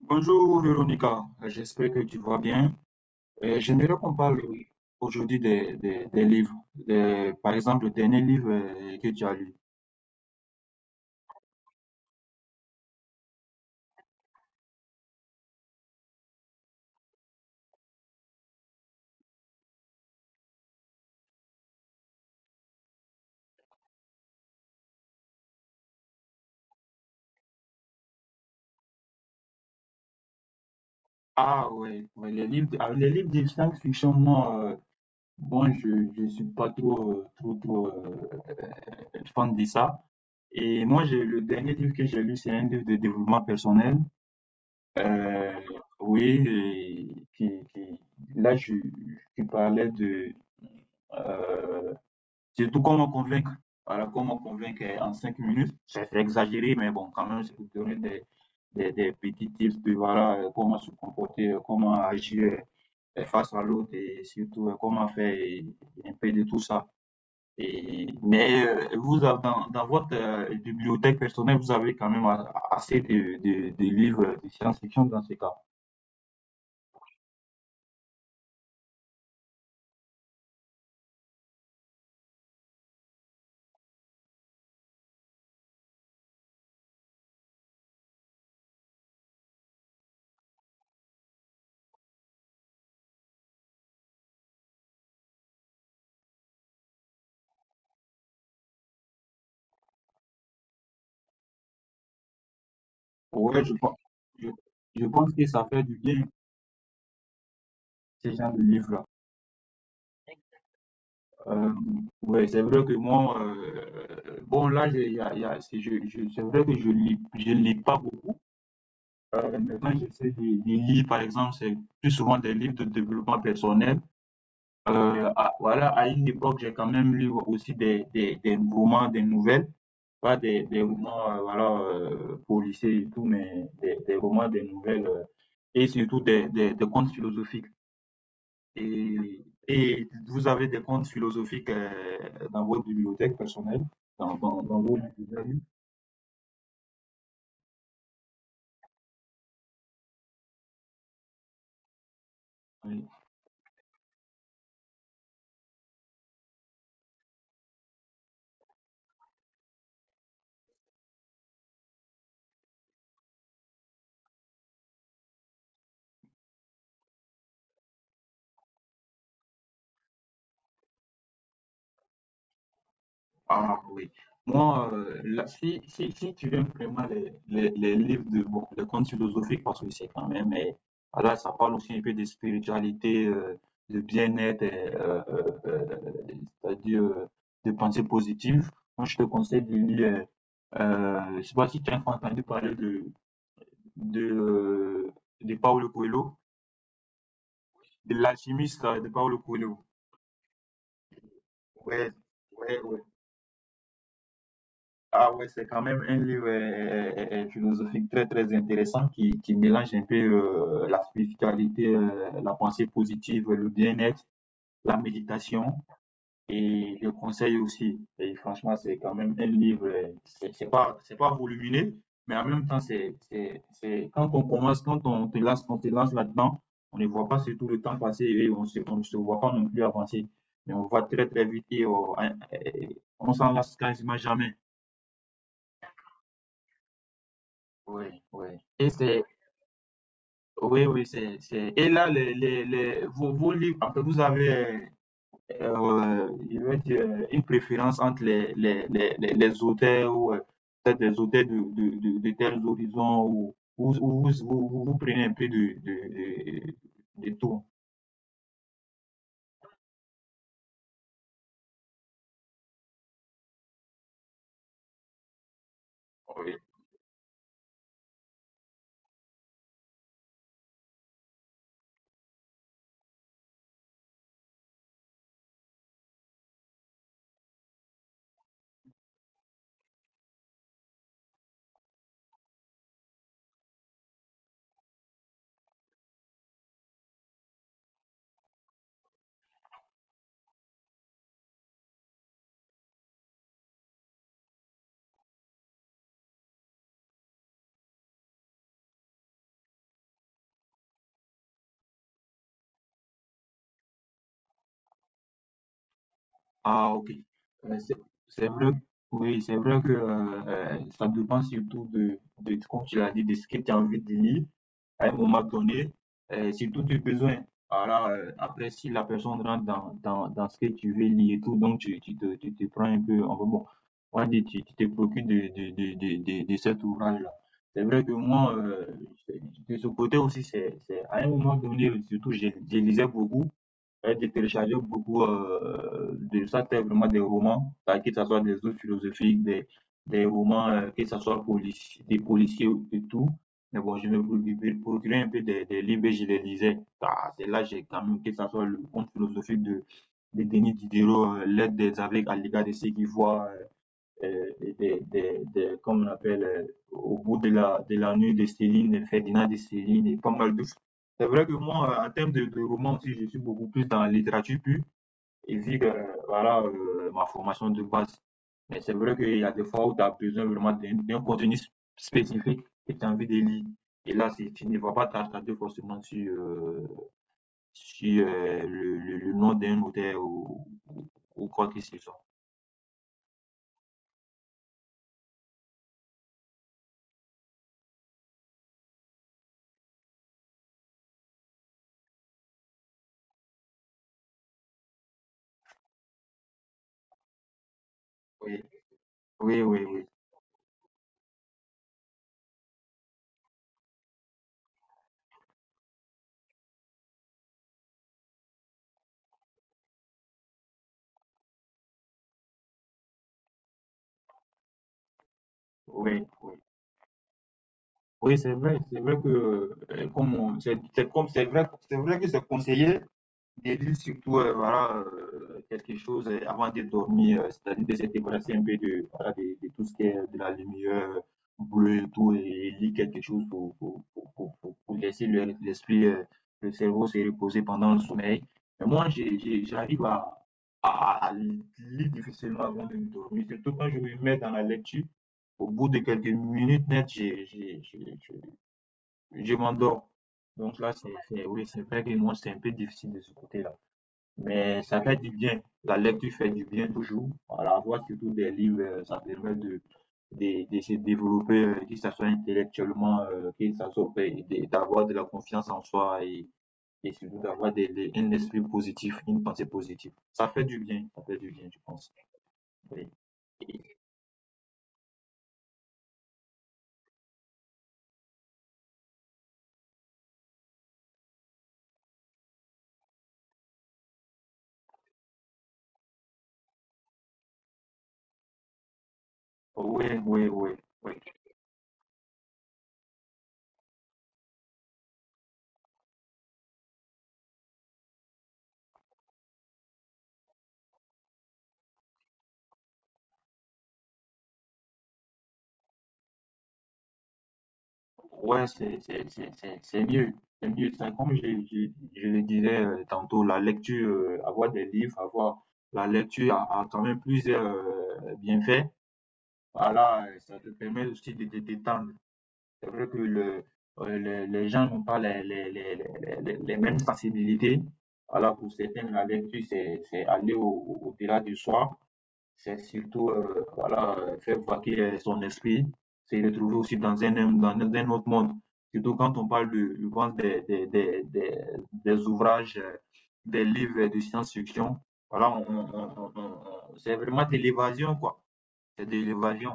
Bonjour Véronica, j'espère que tu vas bien. J'aimerais qu'on parle aujourd'hui des livres. Par exemple, le dernier livre que tu as lu. Ah ouais, ouais, les livres, ah, les livres de science-fiction, moi, bon, je ne suis pas trop, fan de ça. Et moi, le dernier livre que j'ai lu, c'est un livre de développement personnel. Euh, oui, et qui là, je parlais de... euh, Surtout qu'on me convainque. Voilà, comment convaincre en 5 minutes. C'est exagéré, mais bon, quand même, c'est pour donner des petits tips de voilà, comment se comporter, comment agir face à l'autre et surtout comment faire un peu de tout ça. Et, mais vous, dans votre bibliothèque personnelle, vous avez quand même assez de livres de science-fiction dans ces cas. Ouais, je, je pense que ça fait du bien, ces genres de livres-là. Euh, ouais, c'est vrai que moi, bon, là, j'ai- il y a- c'est je- c'est vrai que je lis pas beaucoup. Maintenant, j'essaie de lire, par exemple, c'est plus souvent des livres de développement personnel. Voilà, à une époque, j'ai quand même lu aussi des romans, des nouvelles, pas des romans, voilà, policiers et tout, mais des romans, des nouvelles, et surtout des contes philosophiques et, et vous avez des comptes philosophiques dans votre bibliothèque personnelle, dans vos bibliothèques. Oui. Ah oui. Moi, là, si tu aimes vraiment les livres de bon, les contes philosophiques, parce que c'est quand même, là, ça parle aussi un peu de spiritualité, de bien-être, c'est-à-dire de pensée positive. Moi, je te conseille de lire, je ne sais pas si tu as entendu parler de, euh, de Paulo Coelho. De l'alchimiste de Paolo Coelho. Ouais, ouais. Ah ouais, c'est quand même un livre philosophique très très intéressant qui mélange un peu la spiritualité, la pensée positive, le bien-être, la méditation. Et je conseille aussi. Et franchement, c'est quand même un livre, c'est pas, c'est pas volumineux, mais en même temps, c'est, quand on commence, quand on te lance là-dedans, on ne voit pas surtout le temps passer et on ne se voit pas non plus avancer. Mais on va très, très vite et on s'en lasse quasiment jamais. Oui, oui. Et oui, oui, et là, vos livres, après, vous avez, je veux dire, une préférence entre les auteurs ou peut-être les auteurs de tels horizons ou ou vous prenez un peu de tout. Ah, ok. Euh, c'est c'est vrai, oui, c'est vrai que ça dépend surtout de comme tu l'as dit, de ce que tu as envie de lire à un moment donné, surtout du besoin. Alors, après, si la personne rentre dans ce que tu veux lire et tout, donc tu te prends un peu, enfin bon, on va dire, tu te préoccupes de cet ouvrage-là. C'est vrai que moi, de ce côté aussi, c'est, à un moment donné, surtout, je lisais beaucoup. J'ai téléchargé beaucoup de ça, c'est vraiment des romans, bah, que ce soit des œuvres philosophiques, des romans, que ce soit des policiers et tout. Mais bon, je me procurais un peu des livres et je les lisais. Bah, c'est là j'ai quand même, que ce soit le conte philosophique de Denis Diderot, L'aide des aveugles à l'égard de ceux qui voient, euh, des, des- des- comme on appelle, au bout de la nuit de Céline, Ferdinand de Céline et pas mal d'autres. C'est vrai que moi, en termes de romans aussi, je suis beaucoup plus dans la littérature pure, et vu que, voilà, ma formation de base. Mais c'est vrai qu'il y a des fois où tu as besoin vraiment d'un contenu spécifique que tu as envie de lire. Et là, c'est- tu ne vas pas t'attarder forcément sur, le nom d'un auteur ou ou quoi que ce soit. Oui, oui, oui, oui, oui. Oui. Oui, c'est vrai que, comme on- c'est comme, c'est vrai que c'est conseillé de lire surtout, voilà, quelque chose avant de dormir, c'est-à-dire de se débarrasser un peu de, voilà, de tout ce qui est de la lumière bleue et tout, et lire quelque chose pour laisser l'esprit, le cerveau se reposer pendant le sommeil. Mais moi, j'arrive à lire difficilement avant de me dormir, surtout quand je me mets dans la lecture. Au bout de quelques minutes net, je m'endors. Donc là, oui, c'est vrai que moi, c'est un peu difficile de ce côté-là. Mais ça fait du bien. La lecture fait du bien toujours. Voilà, voir surtout des livres, ça permet de se développer, que ça soit intellectuellement, que ça soit d'avoir de la confiance en soi et surtout d'avoir un esprit positif, une pensée positive. Ça fait du bien, ça fait du bien, je pense. Oui, oui, oui, oui. Oui. Ouais, c'est mieux. C'est mieux. C'est comme je le disais tantôt, la lecture, avoir des livres, avoir la lecture a, a quand même plusieurs bienfaits. Voilà, ça te permet aussi de te détendre. C'est vrai que le, les, gens n'ont pas les mêmes sensibilités. Voilà, pour certains, la lecture, c'est aller au-delà du soi. C'est surtout, voilà, faire vaquer son esprit, se retrouver aussi dans un autre monde. Surtout quand on parle de, je pense, des ouvrages, des livres de science-fiction. Voilà, c'est vraiment de l'évasion, quoi. C'est de l'évasion.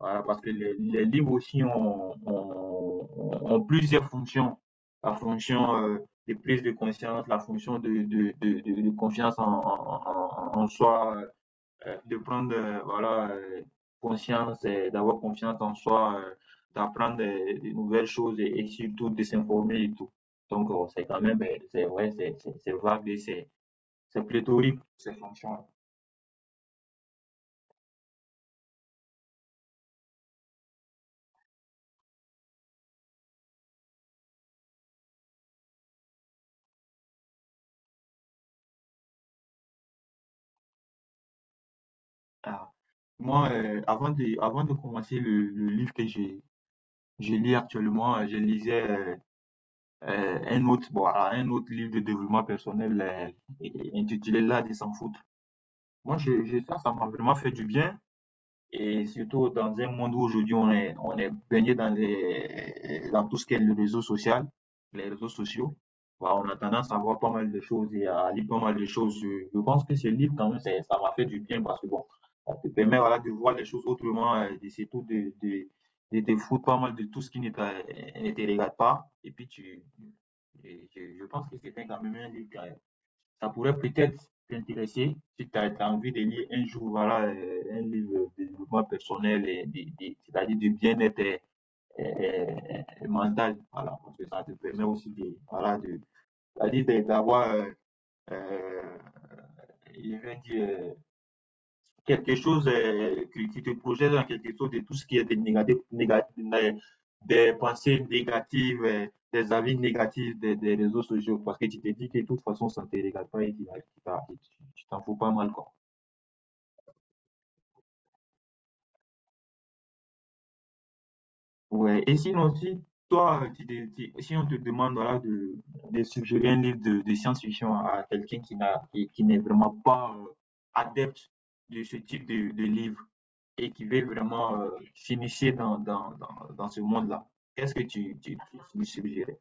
Voilà, parce que les livres aussi ont plusieurs fonctions. La fonction de prise de conscience, la fonction de confiance en en soi, de prendre voilà, conscience, et d'avoir confiance en soi, d'apprendre de nouvelles choses et surtout de s'informer et tout. Donc, c'est quand même, c'est vrai, c'est vague et c'est pléthorique, ces fonctions. Ah. Moi, avant avant de commencer le livre que j'ai je lis actuellement, je lisais un autre, bon, voilà, un autre livre de développement personnel intitulé L'art de s'en foutre. Moi, ça, ça m'a vraiment fait du bien. Et surtout dans un monde où aujourd'hui on est baigné dans les, dans tout ce qui est le réseau social, les réseaux sociaux, bah, on a tendance à voir pas mal de choses et à lire pas mal de choses. Je pense que ce livre, quand même, c'est- ça m'a fait du bien parce que bon, ça te permet voilà, de voir les choses autrement et surtout de te foutre pas mal de tout ce qui ne te regarde pas. Et puis et je pense que c'était quand même un livre ça pourrait peut-être t'intéresser si tu as envie de lire un jour voilà, un livre de développement personnel, et c'est-à-dire de bien-être mental. Voilà, parce que ça te permet aussi de, voilà, de, c'est-à-dire d'avoir, euh, je vais dire, quelque chose qui qui te projette dans quelque chose de tout ce qui est des négatifs, des pensées négatives, des avis négatifs des réseaux sociaux, parce que tu te dis que de toute façon, ça ne te regarde pas et tu t'en fous pas mal, quoi. Ouais. Et sinon, si toi, si on te demande voilà, de suggérer un livre de science-fiction à quelqu'un qui n'est vraiment pas adepte de ce type de livre et qui veut vraiment s'initier dans ce monde-là, qu'est-ce que tu lui suggérais?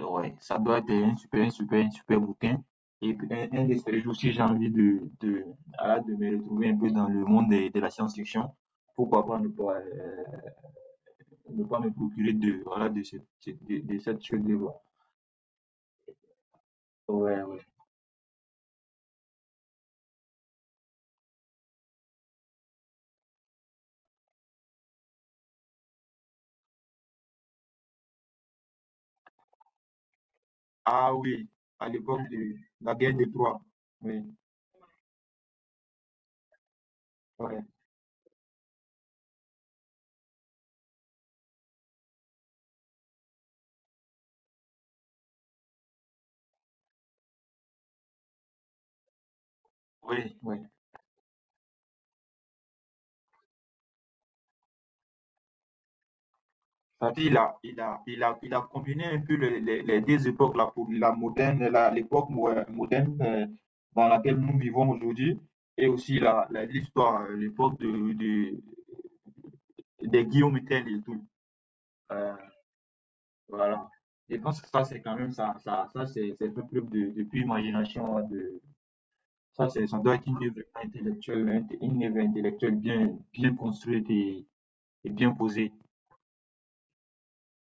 Ouais, ça doit être un super, un super, un super bouquin. Et un de ces jours, si j'ai envie ah, de me retrouver un peu dans le monde la science-fiction, pourquoi pas ne pas, ne pas me procurer de, voilà, de cette chose de voir. Ouais, ouais. Ah oui, à l'époque de la guerre de Troie. Oui, ouais, oui, oui. C'est-à-dire, il a combiné un peu les deux époques, là, pour la moderne, l'époque moderne dans laquelle nous vivons aujourd'hui, et aussi l'histoire, l'époque des Guillaume Tell et tout. Euh, voilà. Je pense que ça, c'est quand même ça c'est un preuve de pure imagination. Hein, De, ça, c'est, ça doit être une œuvre intellectuelle bien, bien construite et bien posée.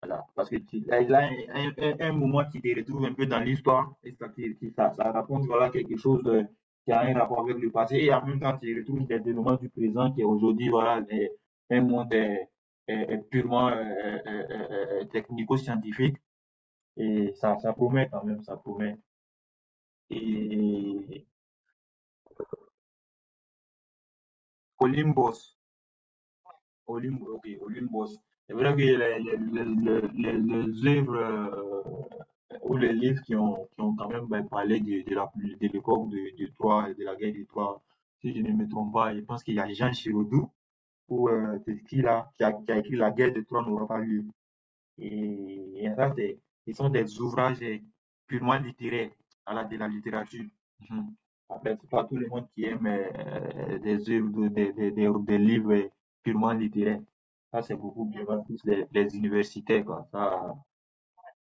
Voilà, parce que là, il y a un moment qui te retrouve un peu dans l'histoire et ça, ça raconte voilà, quelque chose qui a un rapport avec le passé et en même temps tu retrouves des éléments du présent qui aujourd'hui voilà, un monde est purement technico-scientifique et ça promet quand même, ça promet. Et Colimbos, Olympe, ok, Olympe Boss. C'est vrai que les œuvres ou les livres qui ont quand même ben, parlé de, de l'époque de Troie, et de la guerre de Troie, si je ne me trompe pas, je pense qu'il y a Jean Giraudoux ou c'est qui là, qui a écrit La guerre de Troie n'aura pas lieu. Et là, des ils sont des ouvrages eh, purement littéraires, voilà, de la littérature. Mhm. Après, c'est pas tout le monde qui aime des œuvres, des livres eh, purement littéraires. Ça, c'est beaucoup bien plus les universitaires, quoi. Ça,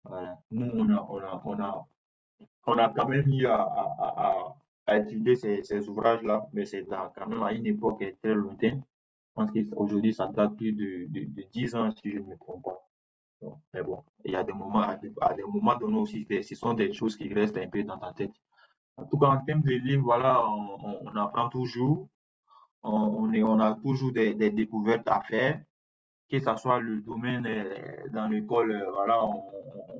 voilà. Nous, on a quand même eu à étudier ces, ces ouvrages-là, mais c'est dans- quand même à une époque eh, très lointaine. Je pense qu'aujourd'hui, ça date plus de 10 ans, si je ne me trompe pas. Bon, mais bon, il y a des moments, à des moments donnés aussi, c'est- ce sont des choses qui restent un peu dans ta tête. En tout cas, en termes de livres, voilà, on apprend toujours, on a toujours des découvertes à faire, que ce soit le domaine dans l'école, voilà, on,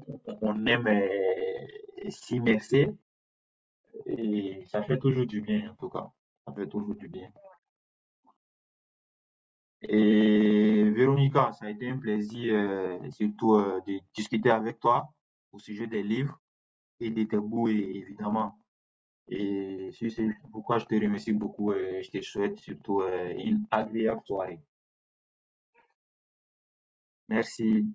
on- on- on aime s'immerser et ça fait toujours du bien, en tout cas. Ça fait toujours du bien. Et Véronica, ça a été un plaisir, surtout, de discuter avec toi au sujet des livres. Et de tes goûts, et- évidemment. Et c'est ce, pourquoi je te remercie beaucoup et je te souhaite surtout une agréable soirée. Merci.